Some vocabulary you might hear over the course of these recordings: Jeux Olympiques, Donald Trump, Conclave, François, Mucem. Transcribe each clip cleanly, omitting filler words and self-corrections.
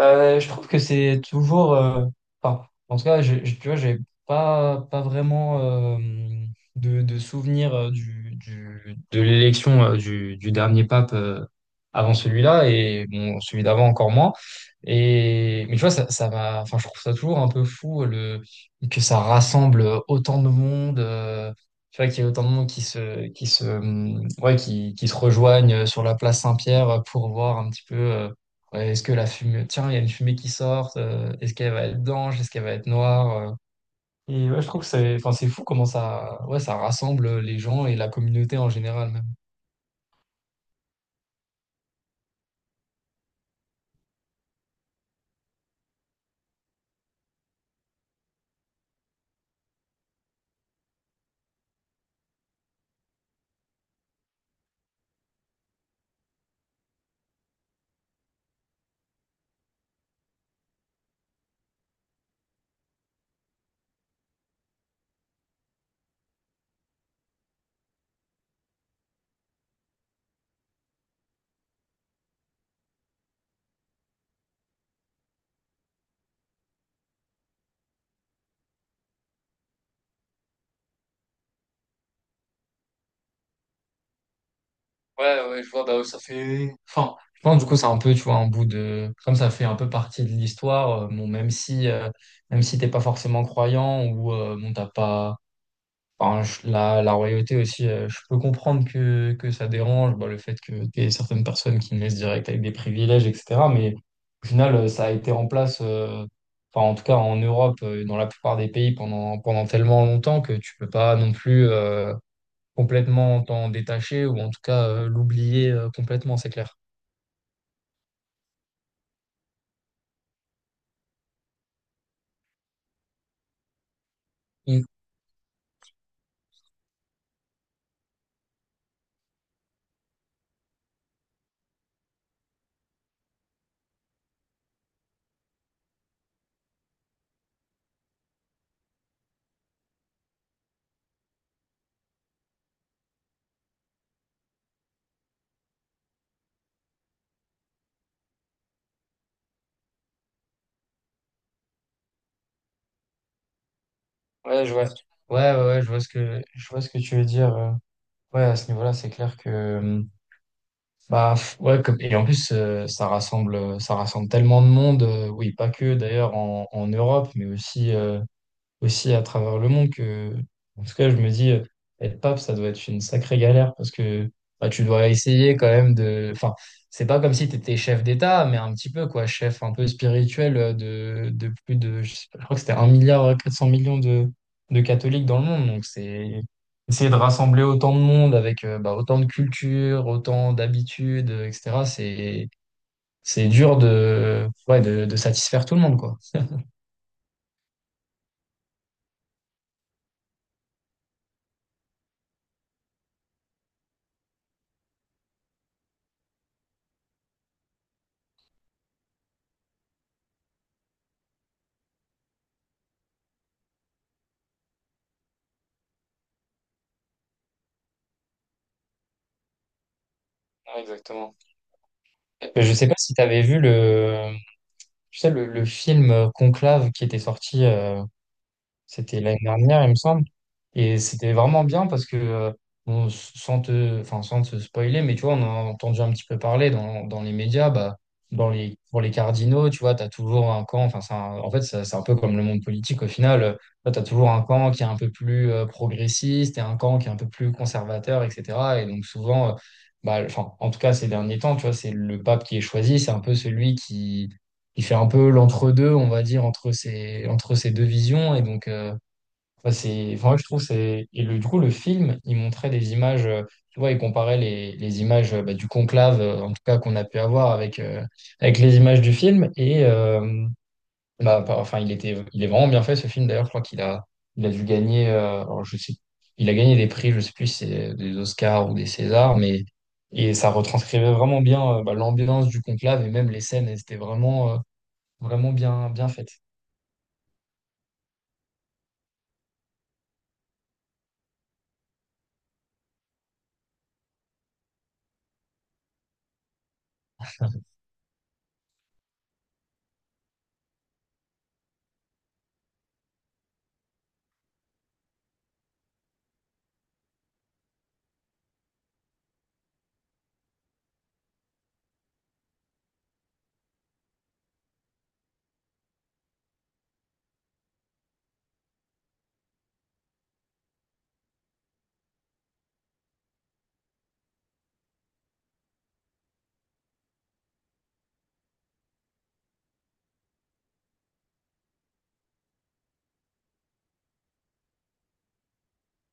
Je trouve que c'est toujours, enfin, en tout cas, tu vois, j'ai pas vraiment de souvenir de l'élection du dernier pape avant celui-là. Et bon, celui d'avant encore moins. Mais tu vois, ça m'a, enfin, je trouve ça toujours un peu fou que ça rassemble autant de monde. Tu vois, qu'il y ait autant de monde ouais, qui se rejoignent sur la place Saint-Pierre pour voir un petit peu. Ouais, est-ce que la fumée, tiens, il y a une fumée qui sort, est-ce qu'elle va être blanche, est-ce qu'elle va être noire? Et ouais, je trouve que c'est, enfin, c'est fou comment ça, ouais, ça rassemble les gens et la communauté en général même. Ouais, ouais, je vois. Bah, ça fait, enfin, je pense du coup, c'est un peu, tu vois, un bout de... comme ça fait un peu partie de l'histoire. Bon, même si t'es pas forcément croyant ou, bon, t'as pas... Enfin, la royauté aussi, je peux comprendre que ça dérange, bah, le fait que tu aies certaines personnes qui naissent direct avec des privilèges, etc. Mais au final, ça a été en place, enfin, en tout cas en Europe, dans la plupart des pays pendant tellement longtemps que tu peux pas non plus complètement t'en détacher, ou en tout cas l'oublier complètement, c'est clair. Mm. Ouais, je vois. Ouais, ouais, ouais, je vois ce que tu veux dire. Ouais, à ce niveau-là, c'est clair que... mmh, Bah ouais, comme et en plus ça rassemble tellement de monde, oui, pas que d'ailleurs en, en Europe, mais aussi aussi à travers le monde que, en tout cas, je me dis, être pape, ça doit être une sacrée galère. Parce que bah, tu dois essayer quand même de... Enfin, c'est pas comme si tu étais chef d'État, mais un petit peu, quoi, chef un peu spirituel de plus de... Je sais pas, je crois que c'était un milliard 400 millions de catholiques dans le monde. Donc, c'est essayer de rassembler autant de monde avec bah, autant de cultures, autant d'habitudes, etc. C'est... c'est dur de, ouais, de satisfaire tout le monde, quoi. Ouais, exactement. Je sais pas si tu avais vu le, tu sais, le film Conclave qui était sorti. C'était l'année dernière, il me semble. Et c'était vraiment bien parce que, bon, sans te, enfin, sans te spoiler, mais tu vois, on en a entendu un petit peu parler dans, dans les médias. Bah, dans les, pour les cardinaux, tu vois, tu as toujours un camp. Enfin, c'est un- en fait, ça- c'est un peu comme le monde politique au final. Tu as toujours un camp qui est un peu plus progressiste et un camp qui est un peu plus conservateur, etc. Et donc, souvent, bah, enfin, en tout cas, ces derniers temps, tu vois, c'est le pape qui est choisi. C'est un peu celui qui fait un peu l'entre-deux, on va dire, entre ces deux visions. Et donc, enfin, c'est, enfin, moi, je trouve c'est, et le, du coup le film il montrait des images, tu vois, il comparait les images bah, du conclave en tout cas qu'on a pu avoir avec avec les images du film, et bah, enfin, il était... il est vraiment bien fait, ce film. D'ailleurs, je crois qu'il a... il a dû gagner, alors, je sais... il a gagné des prix, je sais plus si c'est des Oscars ou des Césars. Mais et ça retranscrivait vraiment bien, bah, l'ambiance du conclave, et même les scènes elles étaient vraiment vraiment bien faites.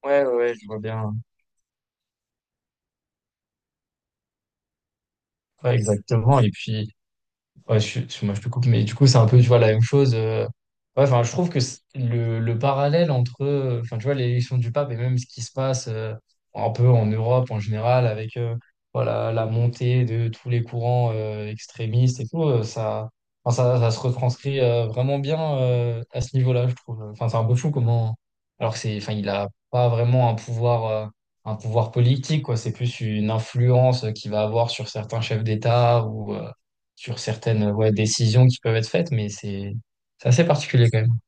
Ouais ouais ouais, je vois bien. Ouais, exactement. Et puis ouais, je... moi, je te coupe, mais du coup, c'est un peu, tu vois, la même chose. Ouais, enfin, je trouve que c'est... le parallèle entre, enfin, tu vois, l'élection du pape, et même ce qui se passe un peu en Europe en général, avec voilà, la montée de tous les courants extrémistes et tout, ça... enfin, ça se retranscrit vraiment bien à ce niveau-là, je trouve. Enfin, c'est un peu fou comment... Alors que c'est, enfin, il a pas vraiment un pouvoir politique, quoi. C'est plus une influence qu'il va avoir sur certains chefs d'État, ou sur certaines, ouais, décisions qui peuvent être faites. Mais c'est assez particulier quand même.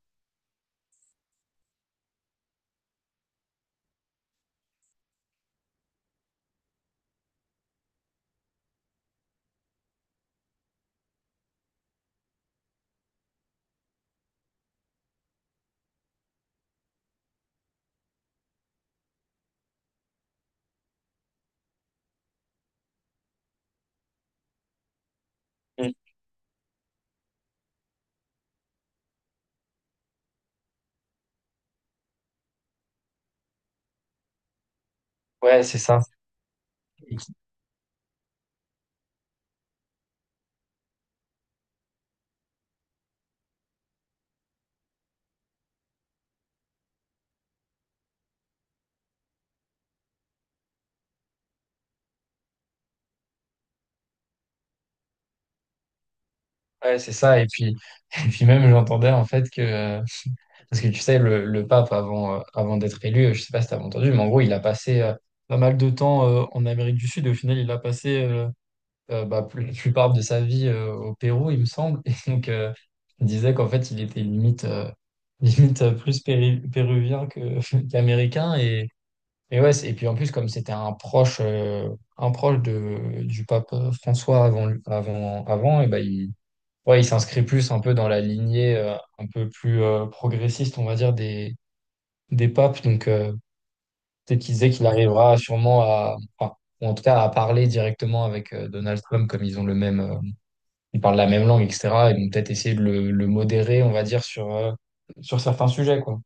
Mm. Ouais, c'est ça. Et qui- Ouais, c'est ça. Et puis, et puis même, j'entendais en fait que, parce que tu sais, le pape, avant, avant d'être élu, je sais pas si t'as entendu, mais en gros, il a passé pas mal de temps en Amérique du Sud. Et au final, il a passé bah, la plupart de sa vie au Pérou, il me semble. Et donc, il disait qu'en fait, il était limite, limite plus péruvien que, qu'américain. Et ouais, c'est... et puis en plus, comme c'était un proche de, du pape François avant. Et ben il, ouais, il s'inscrit plus un peu dans la lignée un peu plus progressiste, on va dire, des papes. Donc peut-être qu'il disait qu'il arrivera sûrement à, enfin, ou en tout cas à parler directement avec Donald Trump, comme ils ont le même, ils parlent la même langue, etc. Et donc peut-être essayer de le modérer, on va dire, sur, sur certains sujets, quoi.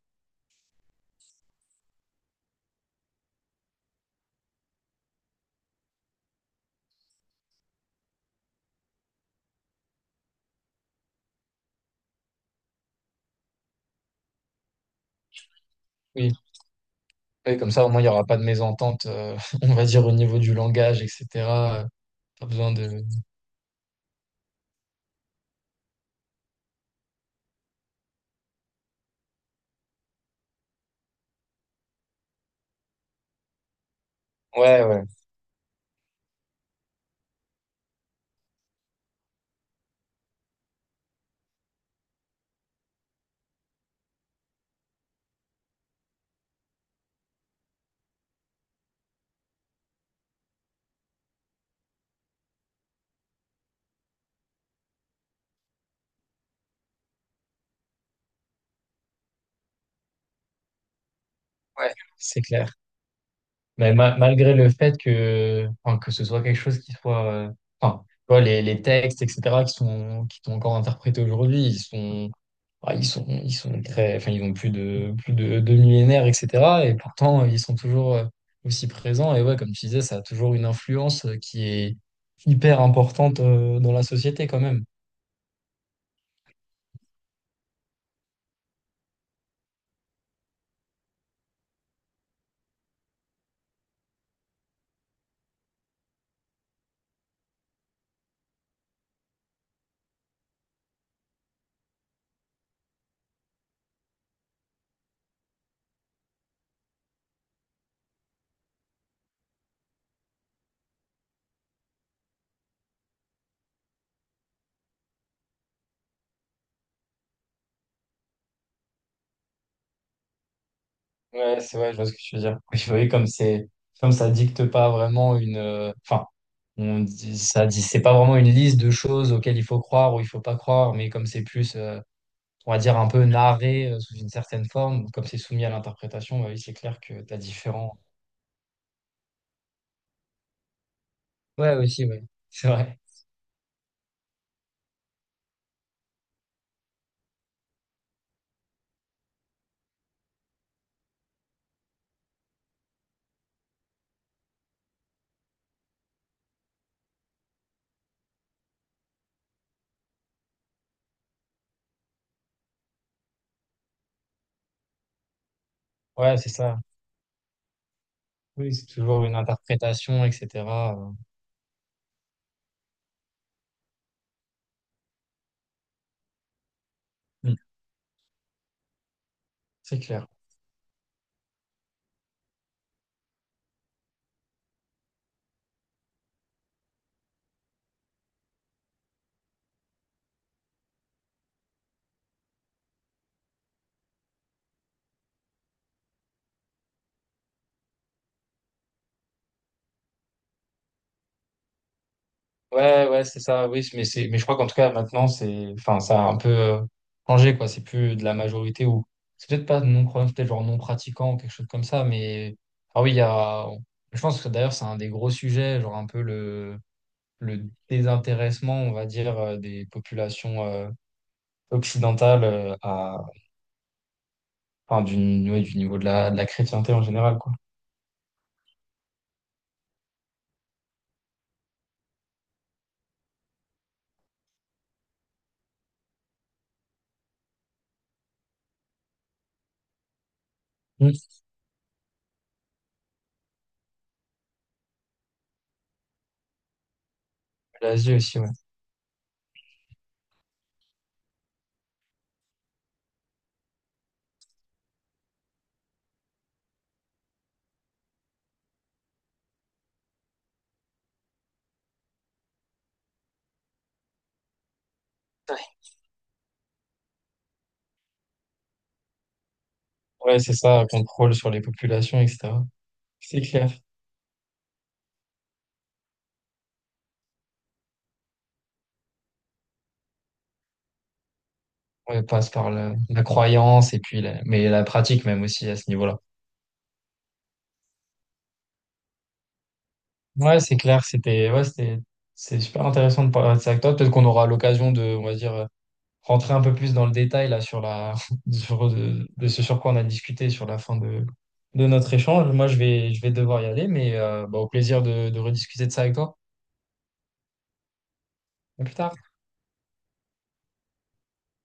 Oui. Et comme ça, au moins, il n'y aura pas de mésentente, on va dire, au niveau du langage, etc. Pas besoin de... Ouais, ouais. Ouais, c'est clair. Mais malgré le fait que, enfin, que ce soit quelque chose qui soit... enfin, tu vois, les textes, etc., qui sont encore interprétés aujourd'hui, ils sont... ah, ils sont très... Enfin, ils ont plus de 2 millénaires, etc. Et pourtant, ils sont toujours aussi présents. Et ouais, comme tu disais, ça a toujours une influence qui est hyper importante dans la société quand même. Ouais, c'est vrai, je vois ce que tu veux dire. Oui, oui, comme c'est... comme ça dicte pas vraiment une, enfin on dit ça dit c'est pas vraiment une liste de choses auxquelles il faut croire ou il faut pas croire, mais comme c'est plus on va dire un peu narré sous une certaine forme, comme c'est soumis à l'interprétation, bah oui, c'est clair que t'as différents... Ouais, ouais, aussi, ouais. C'est vrai. Ouais, c'est ça. Oui, c'est toujours une interprétation, etc. euh, Mm. C'est clair. Ouais, ouais, c'est ça. Oui, mais c'est, mais je crois qu'en tout cas, maintenant, c'est, enfin, ça a un peu changé, quoi. C'est plus de la majorité, ou c'est peut-être pas non-croyant, c'est peut-être genre non-pratiquant ou quelque chose comme ça. Mais ah oui, il y a... je pense que d'ailleurs, c'est un des gros sujets, genre un peu le désintéressement, on va dire, des populations occidentales à, enfin, du... ouais, du niveau de la chrétienté en général, quoi. Mm. L'Asie aussi, ouais. Ouais, c'est ça, contrôle sur les populations, etc. C'est clair. Ouais, passe par le... la croyance, et puis la... mais la pratique même aussi à ce niveau-là. Ouais, c'est clair, c'était ouais, c'était... c'est super intéressant de parler de ça avec toi. Peut-être qu'on aura l'occasion de, on va dire, rentrer un peu plus dans le détail là sur la sur, ce sur quoi on a discuté sur la fin de notre échange. Moi, je vais, je vais devoir y aller, mais bah, au plaisir de rediscuter de ça avec toi. À plus tard.